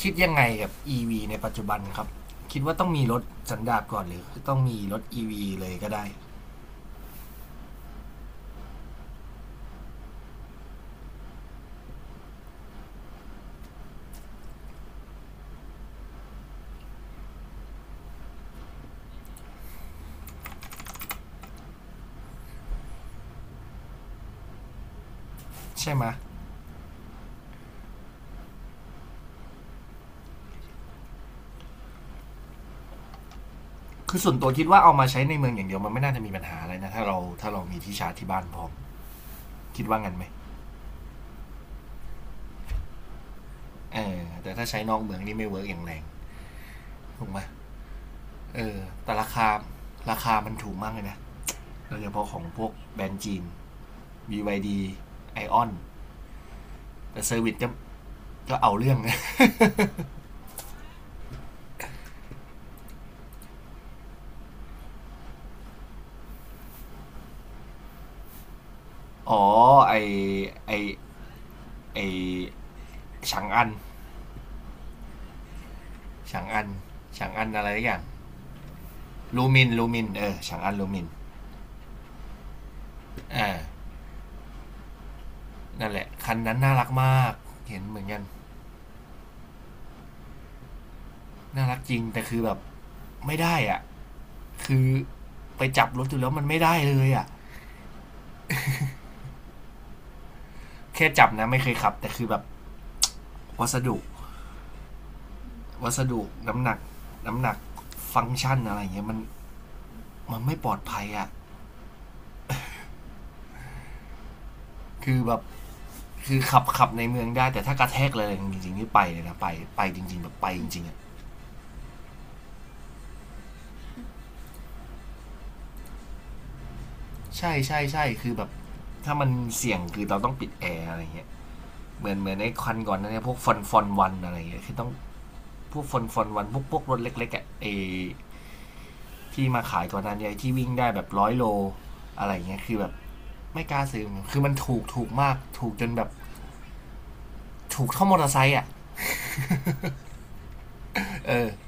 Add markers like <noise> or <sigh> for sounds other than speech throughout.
คิดยังไงกับ EV ในปัจจุบันครับคิดว่าต้องมีรถสันดาปก่อนหรือต้องมีรถ EV เลยก็ได้ใช่ไหมคือส่วนตัวคิดว่าเอามาใช้ในเมืองอย่างเดียวมันไม่น่าจะมีปัญหาอะไรนะถ้าเรามีที่ชาร์จที่บ้านพร้อมคิดว่างั้นไหมเออแต่ถ้าใช้นอกเมืองนี่ไม่เวิร์กอย่างแรงถูกไหมเออแต่ราคาราคามันถูกมากเลยนะโดยเฉพาะของพวกแบรนด์จีน b ไอออนแต่เซอร์วิสก็เอาเรื่องนะอ๋อไอไอไอฉางอัน ฉางอันอะไรอย่างลูมินฉางอันลูมินอ่านั่นแหละคันนั้นน่ารักมากเห็นเหมือนกันน่ารักจริงแต่คือแบบไม่ได้อ่ะคือไปจับรถดูแล้วมันไม่ได้เลยอ่ะแค่จับนะไม่เคยขับแต่คือแบบวัสดุวัสดุน้ำหนักน้ำหนักฟังก์ชันอะไรเงี้ยมันไม่ปลอดภัยอ่ะคือแบบคือขับในเมืองได้แต่ถ้ากระแทกอะไรจริงๆนี่ไปเลยนะไปจริงๆแบบไปจริงๆอ่ะ ใช่ใช่ใช่คือแบบถ้ามันเสี่ยงคือเราต้องปิดแอร์อะไรเงี้ยเหมือนไอ้ควันก่อนนนเนี่ยพวกฟอนฟอนวันอะไรเงี้ยคือต้องพวกฟอนฟอนวันพวกรถเล็กๆอ่ะไอ้ที่มาขายก่อนหนั้นเนี่ยที่วิ่งได้แบบร้อยโลอะไรเงี้ยคือแบบไม่กล้าซื้อมคือมันถูกมากถูกจนแบบถูกเท่ามอเตอร์ไซค์อ่ะเออ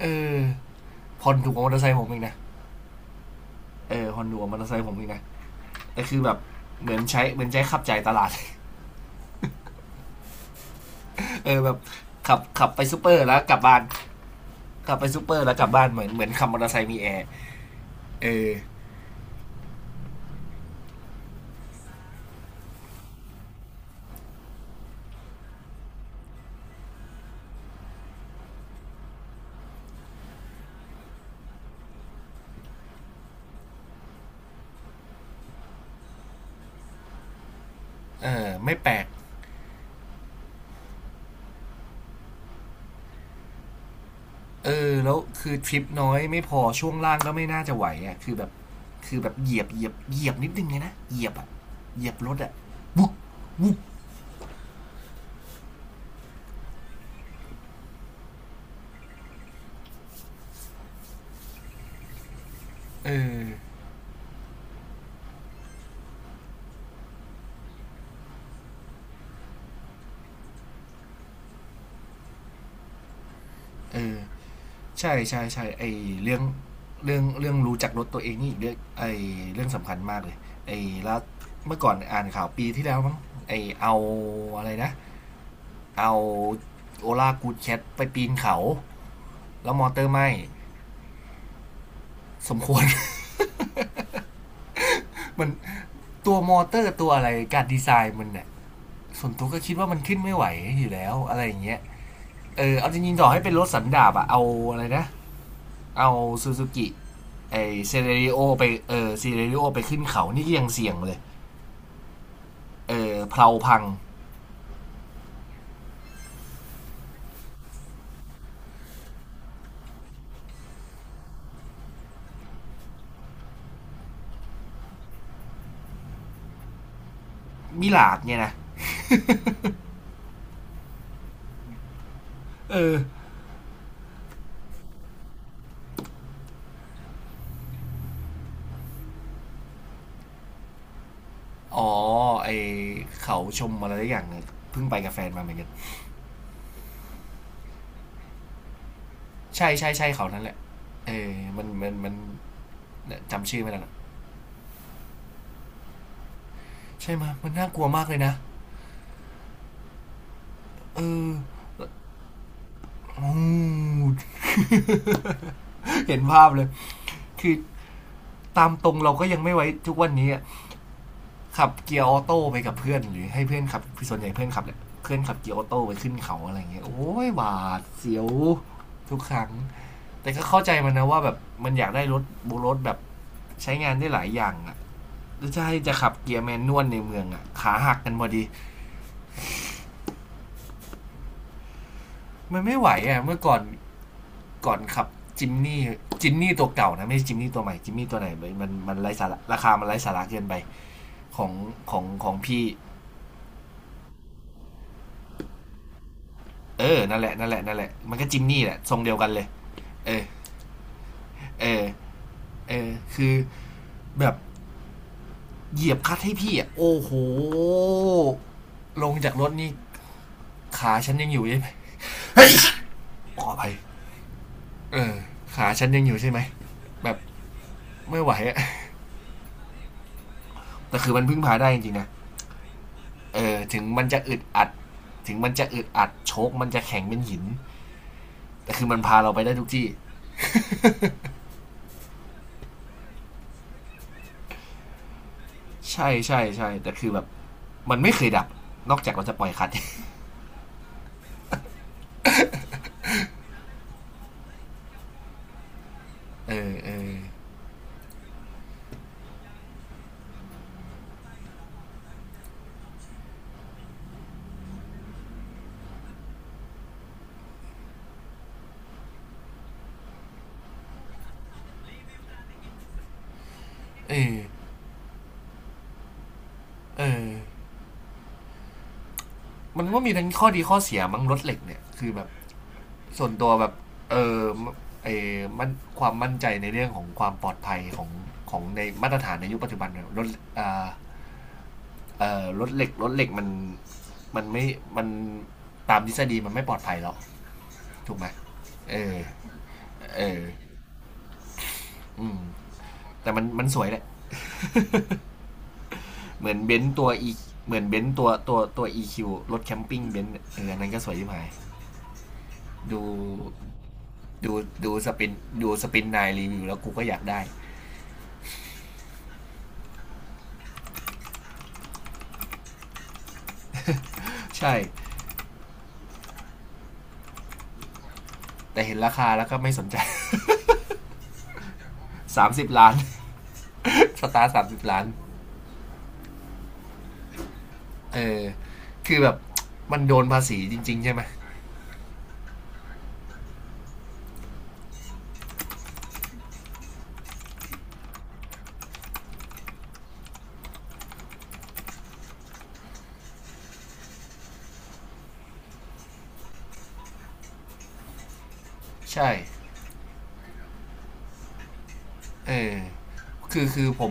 เออพอนถูกกว่ามอเตอร์ไซค์ผมเอีกนะเออพอนถูกกว่ามอเตอร์ไซค์ผมเองนะแต่คือแบบเหมือนใช้ขับใจตลาด <laughs> เออแบบขับไปซูเปอร์แล้วกลับบ้าน กลับไปซูเปอร์แล้วกลับบ้านเหมือนขับมอเตอร์ไซค์มีแอร์เออเออไม่แปลกเออแล้วคือทริปน้อยไม่พอช่วงล่างก็ไม่น่าจะไหวอ่ะคือแบบคือแบบเหยียบเหยียบเหยียบนิดนึงเลยนะเหยียบอ่ะเหยียบรถอ่ะบุ๊บบุ๊บเออเออใช่ใช่ใช่ไอเรื่องเรื่องรู้จักรถตัวเองนี่อเรื่องไอเรื่องสำคัญมากเลยไอแล้วเมื่อก่อนอ่านข่าวปีที่แล้วมั้งไอเอาอะไรนะเอาโอลากูดแคทไปปีนเขา แล้วมอเตอร์ไม่สมควร <laughs> มันตัวมอเตอร์ตัวอะไรการดีไซน์มันเนี่ยส่วนตัวก็คิดว่ามันขึ้นไม่ไหวอยู่แล้วอะไรอย่างเงี้ยเออเอาจริงๆต่อให้เป็นรถสันดาบอะเอาอะไรนะเอาซูซูกิไอเซเรริโอไปเออเซเรริโอไปขึ้นเขานี่ก็ยังเสี่ยงเลยเออเพลาพังมิลาดเนี่ยนะเอออ๋อไอเขาชมอะไรอย่างเนี่ยเพิ่งไปกับแฟนมาเหมือนกันใช่ใช่ใช่เขานั่นแหละเออมันจำชื่อไม่ได้ละใช่ไหมมันน่ากลัวมากเลยนะ เออเห็นภาพเลยคือตามตรงเราก็ยังไม่ไว้ทุกวันนี้อะขับเกียร์ออโต้ไปกับเพื่อนหรือให้เพื่อนขับส่วนใหญ่เพื่อนขับแหละเพื่อนขับเกียร์ออโต้ไปขึ้นเขาอะไรเงี้ยโอ้ยหวาดเสียวทุกครั้ง แต่ก็เข้าใจมันนะว่าแบบมันอยากได้รถโบรถแบบใช้งานได้หลายอย่างอ่ะแล้วจะให้จะขับเกียร์แมนนวลในเมืองอ่ะขาหักกันพอดีมันไม่ไหวอ่ะเมื่อก่อน ก่อนขับจิมนี่จิมนี่ตัวเก่านะไม่ใช่จิมนี่ตัวใหม่จิมนี่ตัวไหนมันมันัไร้สาระราคามันไร้สาระเกินไปของของพี่เออนั่นแหละนั่นแหละนั่นแหละมันก็จิมนี่แหละทรงเดียวกันเลยเออเออเออคือแบบเหยียบคัดให้พี่อ่ะโอ้โหลงจากรถนี่ขาฉันยังอยู่ใช่ไหมขออภัยเออขาฉันยังอยู่ใช่ไหมแบบไม่ไหวอะแต่คือมันพึ่งพาได้จริงๆนะ เออถึงมันจะอึดอัดโชคมันจะแข็งเป็นหิน แต่คือมันพาเราไปได้ทุกที่ ใช่ใช่ใช่แต่คือแบบมันไม่เคยดับ นอกจากเราจะปล่อยคัด <laughs> เออเออเออเออมันก็มีทั้งข้อดีข้อเสียมั้งรถเหล็กเนี่ยคือแบบส่วนตัวแบบเออเอมันความมั่นใจในเรื่องของความปลอดภัยของของในมาตรฐานในยุคปัจจุบันเนี่ยรถอ่ารถเหล็กมันมันไม่มันตามทฤษฎีมันไม่ปลอดภัยแล้ว ถูกไหมเออ เออ อืม แต่มันสวยแหละเหมือนเบนซ์ตัวอีเหมือนเบนซ์ตัว EQ รถแคมปิ้งเบนซ์เน่อออันนั้นก็สวยที่หมาย ดูดูดูสปินดูสปินนายรีวิวแล้วกูก็อยากได้ ใช่ แต่เห็นราคาแล้วก็ไม่สนใจ <laughs> 30ล้าน <laughs> สตาร์30 ล้าน เออ คือแบบมันโดนภาษีจริงๆใช่ไหม ใช่ เออ คือคือผม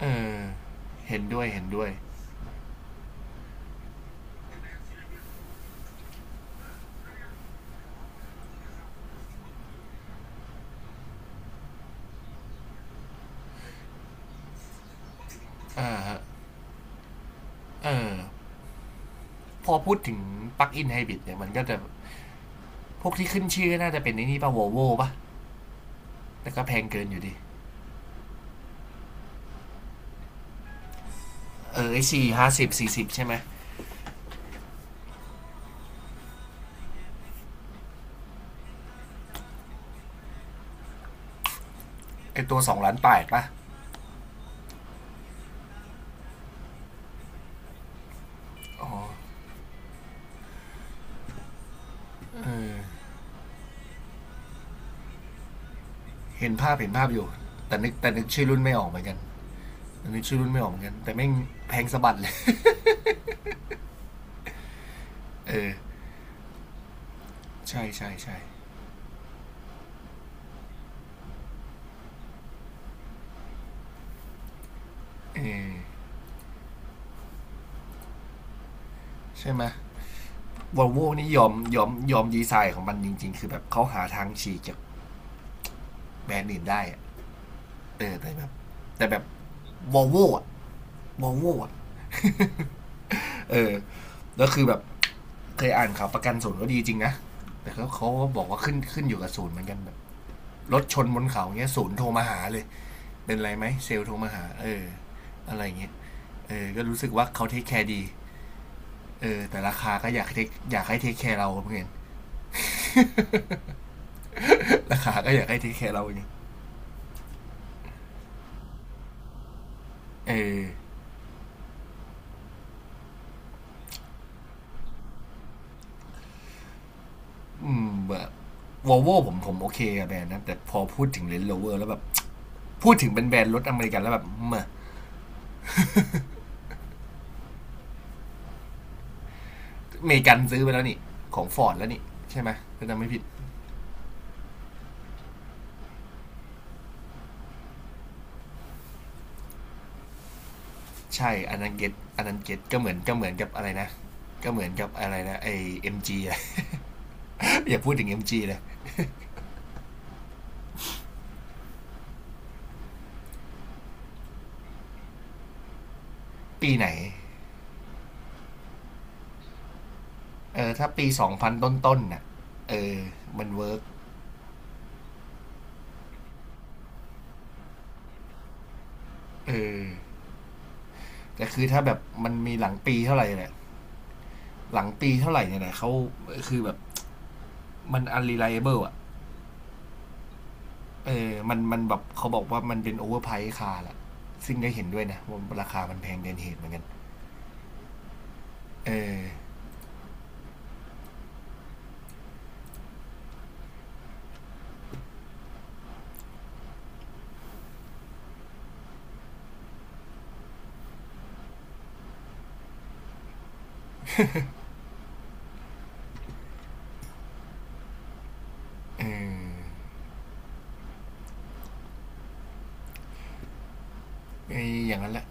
เออ เห็นด้วยเห็นด้วยเออ พอพูดถึงปลั๊กอินไฮบริดเนี่ยมันก็จะพวกที่ขึ้นชื่อน่าจะเป็นในนี่ป่ะ v o l v o ป่ะแต่ก็แพงเกินอยู่ดีเออไอซีห้าสิบสี่สิบใช่ไหมไอตัวสองล้านแปดป่ะเห็นภาพเห็นภาพอยู่ แต่นึกชื่อรุ่นไม่ออกเหมือนกัน แต่นึกชื่อรุ่นไม่ออกเหมือนกันแต่แม่งแพงสะบัดเลย เออ ใช่ใช่ใช่เออ ใช่ไหม v o l v o นี่ยอมยอมยอมดีไซน์ของมันจริงๆคือแบบเขาหาทางฉีกจากแบรนด์อื่นได้เออแต่แบบแต่แบบ Volvo อะ Volvo อะเออแล้วคือแบบ เคยอ่านข่าวประกันศูนย์ก็ดีจริงนะ แต่เขาเขาบอกว่าขึ้นขึ้นอยู่กับศูนย์เหมือนกันแบบรถชนบนเขาเงี้ยศูนย์โทรมาหาเลยเป็นไรไหมเซลโทรมาหาเอออะไรเงี้ยเออก็รู้สึกว่าเขาเทคแคร์ดีเออแต่ราคาก็อยากเทคอยากให้เทคแคร์เราเหมือนกันราคาก็อยากให้เทคแคร์เราอย่างเงี้ยเออแบบวอลโวผมโอเคกับแบรนด์นะแต่พอพูดถึงเลนโรเวอร์แล้วแบบพูดถึงเป็นแบรนด์รถอเมริกันแล้วแบบเมอเมริกันซื้อไปแล้วนี่ของฟอร์ดแล้วนี่ใช่ไหมถ้าจำไม่ผิด ใช่ อันนั้นเก็ตอันนั้นเก็ตก็เหมือนก็เหมือนกับอะไรนะ ก็เหมือนกับอะไรนะ ไอเอ็มจีอะ <laughs> อย่าพูดถึงเอ็มจีเลยปีไหนเออถ้าปีสองพันต้นๆน่ะเออมันเวิร์กเออแต่คือถ้าแบบมันมีหลังปีเท่าไหร่เนี่ยหลังปีเท่าไหร่เนี่ยนะเขาคือแบบมัน unreliable อ่ะมันมันแบบเขาบอกว่ามันเป็น overprice คาร์ละ ซึ่งได้เห็นด้วยนะว่าราคามันแพงเกินเหตุเหมือนกันเออเออออย่างนั้นแหละ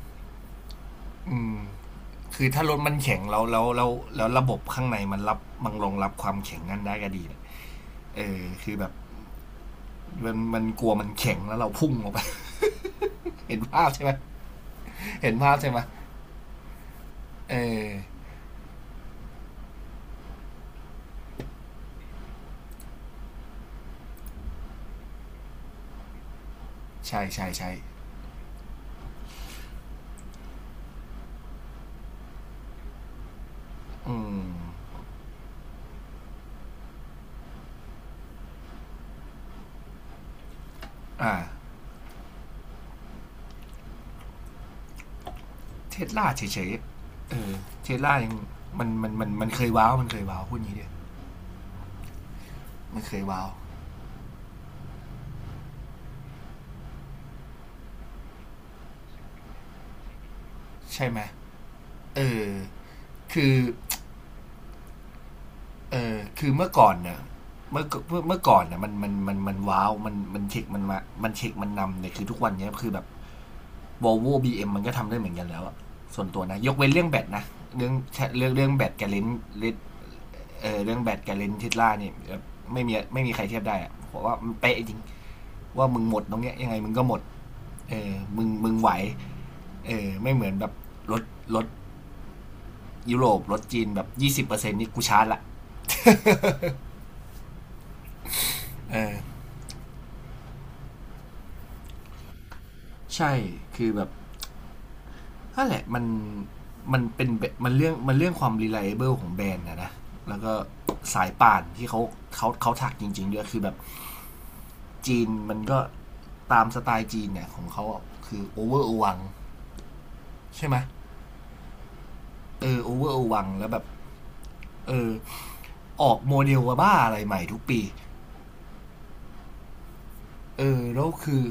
อืม คือถ้ารถมันแข็งแล้วแล้วระบบข้างในมันรับมันรองรับความแข็งนั้นได้ก็ดีนเออคือแบบมันกลัวมันแข็งแล้วเราพุ่งออกไป <laughs> เห็นภาพใช่ไหมเห็นภาพใช่ไหมเออใช่ใช่ใช่อืมอ่าเทสลาเฉยๆเทสลายังมันเคยว้าวมันเคยว้าวพูดงี้เดียวมันเคยว้าวใช่ไหมเออคือเออคือเมื่อก่อนเนี่ยเมื่อกเมื่อก่อนเนี่ยมันว้าวมันมันเทคมันมามันเทคมันนำเนี่ยคือทุกวันเนี้ยคือแบบ Volvo บีเอ็มมันก็ทำได้เหมือนกันแล้ว ส่วนตัวนะ ยกเว้นเรื่องแบตนะ เรื่องเรื่องแบตกับเลนส์เนเออเรื่องแบตกับเลนส์ทิสลาเนี่ยไม่มีไม่มีใครเทียบได้อะเพราะว่ามันเป๊ะจริงว่ามึงหมดตรงเนี้ยยังไงมึงก็หมดเออมึงไหวเออไม่เหมือนแบบรถรถยุโรปรถจีนแบบ20%นี่กูชาร์จละเออใช่ คือแบบนั่นแหละมันมันเป็นมันเรื่องมันเรื่องความ reliable ของแบรนด์นะนะ แล้วก็สายป่านที่เขาเขาถักจริงๆด้วยคือแบบ จีนมันก็ตามสไตล์จีนเนี่ยของเขาคือโอเวอร์อวังใช่ไหมเออโอเวอร์อวังแล้วแบบเออออกโมเดลว่าบ้าอะไรใหม่ทุกปีเออแล้วคือ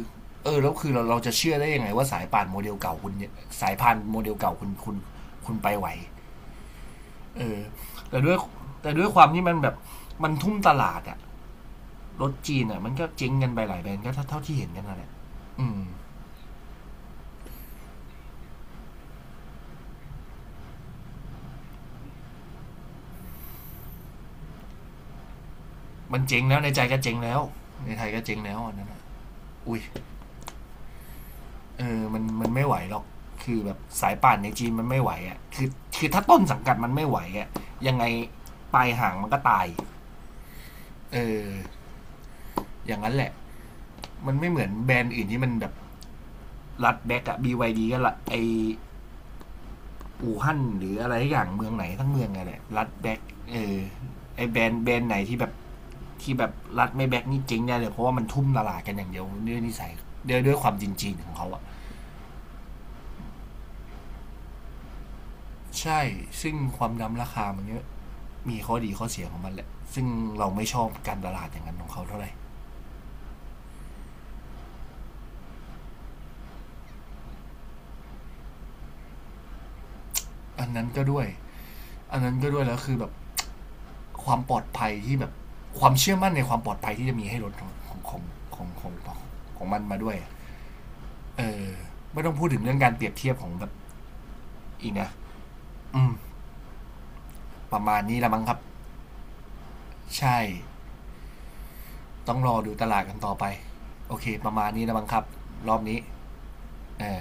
เออแล้วคือเราจะเชื่อได้ยังไงว่าสายป่านโมเดลเก่าคุณเนี่ยสายพานโมเดลเก่าคุณคุณไปไหวเออแต่ด้วยแต่ด้วยความที่มันแบบมันทุ่มตลาดอะรถจีนอะมันก็เจ๊งกันไปหลายแบรนด์ก็เท่าที่เห็นกันนั่นแหละอืมมันเจ๊งแล้วในใจก็เจ๊งแล้วในไทยก็เจ๊งแล้วอันนั้นแหละอุ้ย เออมันมันไม่ไหวหรอกคือแบบสายป่านในจีนมันไม่ไหวอ่ะคือคือถ้าต้นสังกัดมันไม่ไหวอ่ะยังไงปลายหางมันก็ตายเอออย่างนั้นแหละ มันไม่เหมือนแบรนด์อื่นที่มันแบบรัดแบ็กอะ BYD ก็ละไออู่ฮั่นหรืออะไรอย่างเมืองไหนทั้งเมืองไงแหละรัดแบ็กเออไอแบรนด์ไหนที่แบบที่แบบรัดไม่แบ็กนี่เจ๊งได้เลยเพราะว่ามันทุ่มตลาดกันอย่างเดียวด้วยนิสัยด้วยความจริงๆของเขาอะ ใช่ ซึ่งความดำราคามันเยอะมีข้อดีข้อเสียของมันแหละซึ่งเราไม่ชอบการตลาดอย่างนั้นของเขาเท่าไหร่อันนั้นก็ด้วยอันนั้นก็ด้วยแล้วคือแบบความปลอดภัยที่แบบความเชื่อมั่นในความปลอดภัยที่จะมีให้รถของของของของของของของมันมาด้วย เออไม่ต้องพูดถึงเรื่องการเปรียบเทียบของแบบอีกนะอืม ประมาณนี้ละมั้งครับ ใช่ ต้องรอดูตลาดกันต่อไปโอเคประมาณนี้ละมั้งครับรอบนี้เออ